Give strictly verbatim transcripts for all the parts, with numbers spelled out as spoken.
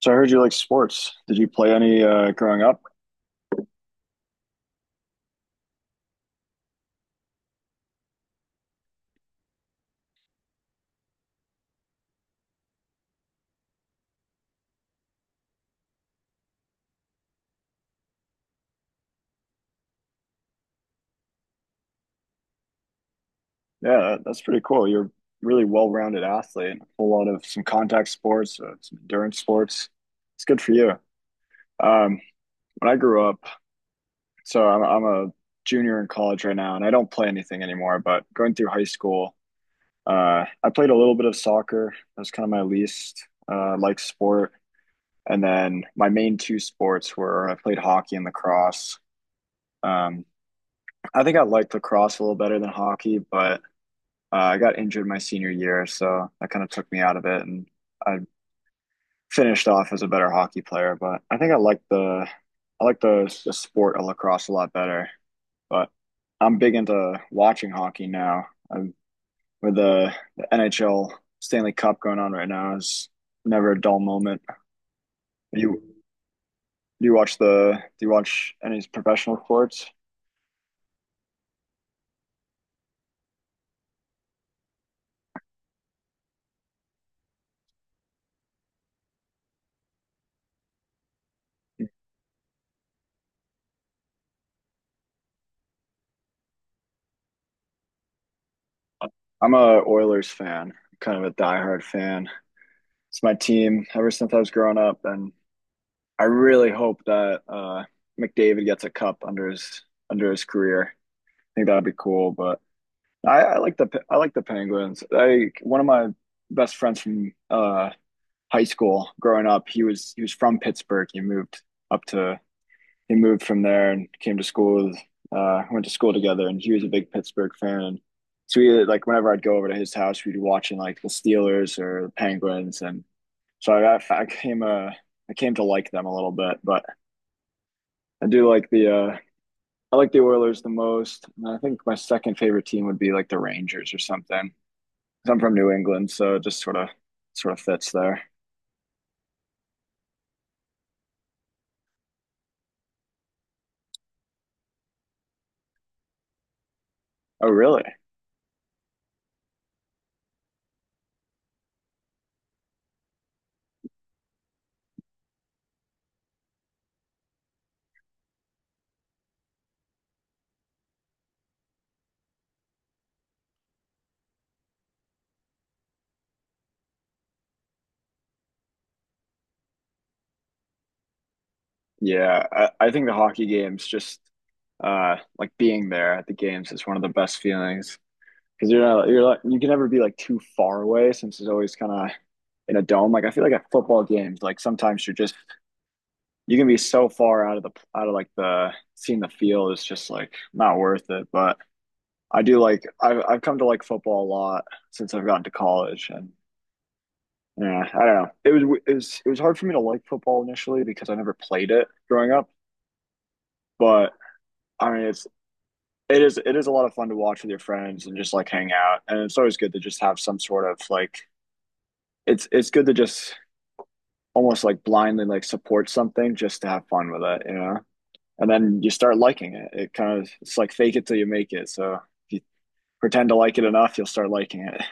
So I heard you like sports. Did you play any uh, growing up? Yeah, that- that's pretty cool. You're a really well-rounded athlete. A whole lot of some contact sports, uh, some endurance sports. It's good for you. Um, when I grew up, so I'm, I'm a junior in college right now, and I don't play anything anymore. But going through high school, uh, I played a little bit of soccer. That was kind of my least uh, like sport. And then my main two sports were I played hockey and lacrosse. Um, I think I liked lacrosse a little better than hockey, but Uh, I got injured my senior year, so that kind of took me out of it, and I finished off as a better hockey player. But I think I like the I like the the sport of lacrosse a lot better. But I'm big into watching hockey now. I'm, with the, the N H L Stanley Cup going on right now, is never a dull moment. You do you watch the do you watch any professional sports? I'm a Oilers fan, kind of a diehard fan. It's my team ever since I was growing up, and I really hope that uh, McDavid gets a cup under his under his career. I think that'd be cool. But I, I like the I like the Penguins. I One of my best friends from uh, high school growing up. He was he was from Pittsburgh. He moved up to he moved from there and came to school. With, uh, went to school together, and he was a big Pittsburgh fan. And so we like whenever I'd go over to his house, we'd be watching like the Steelers or the Penguins, and so I got I came uh, I came to like them a little bit, but I do like the uh I like the Oilers the most. And I think my second favorite team would be like the Rangers or something. 'Cause I'm from New England, so it just sort of sort of fits there. Oh, really? Yeah, I, I think the hockey games just uh like being there at the games is one of the best feelings because you're not you're like you can never be like too far away since it's always kind of in a dome. Like I feel like at football games, like sometimes you're just you can be so far out of the out of like the seeing the field is just like not worth it. But I do like I've I've come to like football a lot since I've gotten to college, and yeah, I don't know. It was it was it was hard for me to like football initially because I never played it growing up. But I mean, it's it is it is a lot of fun to watch with your friends and just like hang out, and it's always good to just have some sort of like it's it's good to just almost like blindly like support something just to have fun with it, you know. And then you start liking it. It kind of it's like fake it till you make it. So if you pretend to like it enough, you'll start liking it.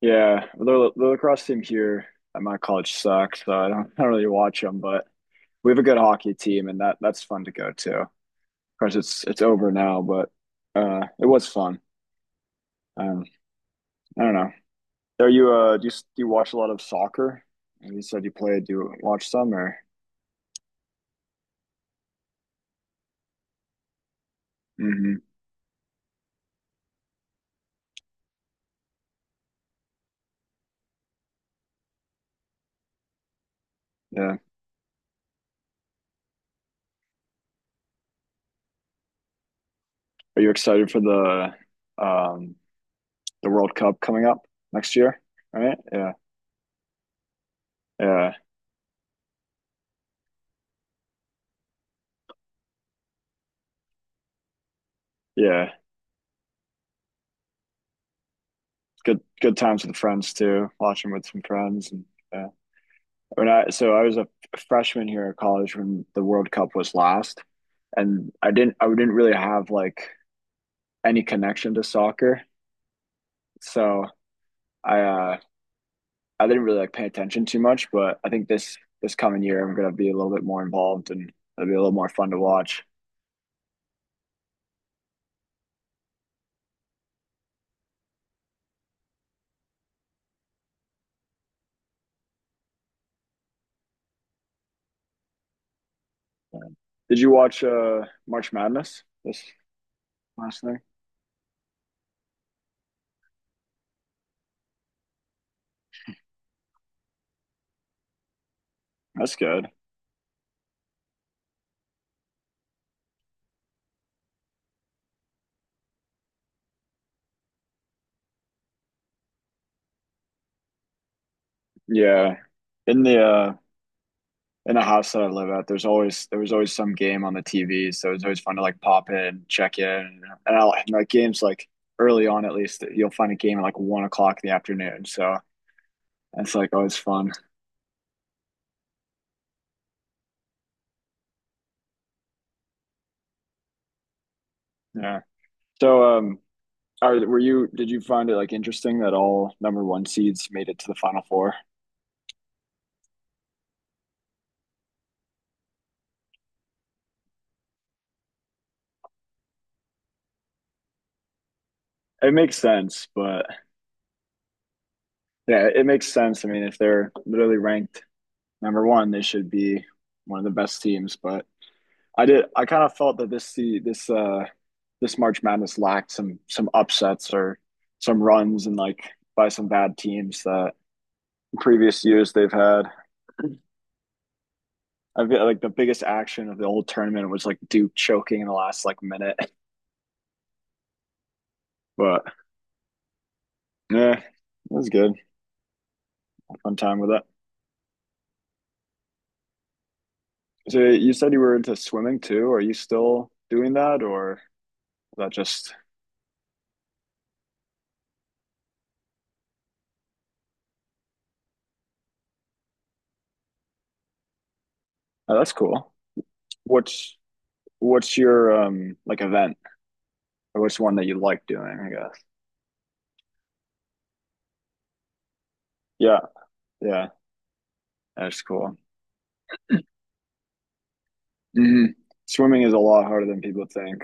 Yeah, the, the lacrosse team here at my college sucks, so I don't, I don't really watch them. But we have a good hockey team, and that that's fun to go to. Of course, it's it's over now, but uh, it was fun. Um, I don't know. Are you uh, do you, do you watch a lot of soccer? You said you played. Do you watch some or? Hmm. Yeah. Are you excited for the um the World Cup coming up next year? Right? Yeah, yeah, yeah. Good good times with friends too. Watching with some friends and. Yeah. When I So I was a freshman here at college when the World Cup was last, and I didn't I didn't really have like any connection to soccer, so I uh, I didn't really like pay attention too much. But I think this this coming year I'm gonna be a little bit more involved, and it'll be a little more fun to watch. And did you watch uh, March Madness this last thing? That's good. Yeah, in the uh, in the house that I live at, there's always there was always some game on the T V, so it's always fun to like pop in, check in, and I like like, games like early on at least. You'll find a game at like one o'clock in the afternoon, so it's like always fun. Yeah. So, um, are, were you? Did you find it like interesting that all number one seeds made it to the final four? It makes sense, but yeah, it makes sense. I mean, if they're literally ranked number one, they should be one of the best teams, but I did. I kind of felt that this the this uh this March Madness lacked some some upsets or some runs and like by some bad teams that previous years they've had. I feel like the biggest action of the whole tournament was like Duke choking in the last like minute. But yeah, it was good. Fun time with it. So you said you were into swimming too. Are you still doing that, or is that just? Oh, that's cool. What's what's your um like event or what's one that you like doing, I guess. Yeah, yeah. That's cool. hmm Swimming is a lot harder than people think.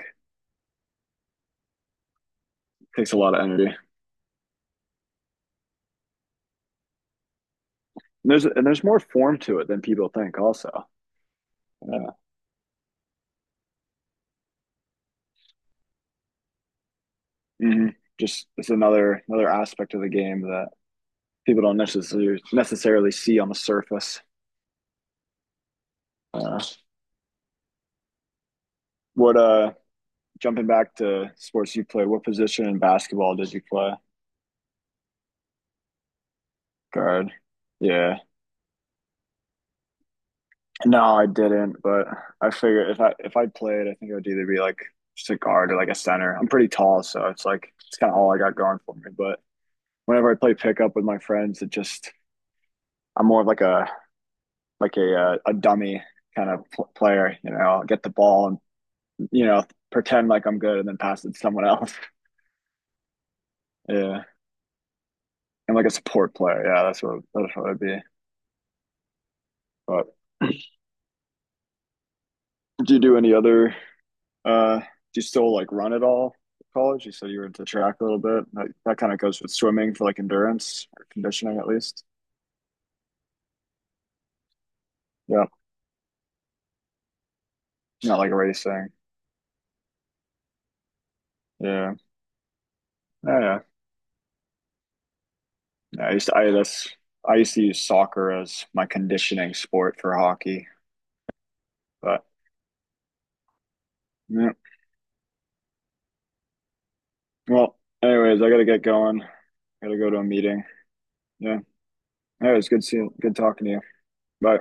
Takes a lot of energy. And there's and there's more form to it than people think. Also, yeah. hmm Just it's another another aspect of the game that people don't necessarily necessarily see on the surface. Uh, what uh, Jumping back to sports you play, what position in basketball did you play? Guard. Yeah. No, I didn't, but I figured if I if I played, I think it would either be like just a guard or like a center. I'm pretty tall, so it's like it's kind of all I got going for me. But whenever I play pickup with my friends, it just I'm more of like a like a uh, a dummy kind of pl player. You know, I'll get the ball and you know pretend like I'm good and then pass it to someone else. Yeah, and like a support player. Yeah, that's what that's what I'd be. But do you do any other Uh, do you still like run at all at college? You said you were into track a little bit. That, that kind of goes with swimming for like endurance or conditioning at least. Yeah, not like racing. Yeah, yeah, yeah. Yeah, I used to, I that's I used to use soccer as my conditioning sport for hockey, but yeah. Well, anyways, I gotta get going. Gotta go to a meeting. Yeah. Anyways, good seeing, good talking to you. Bye.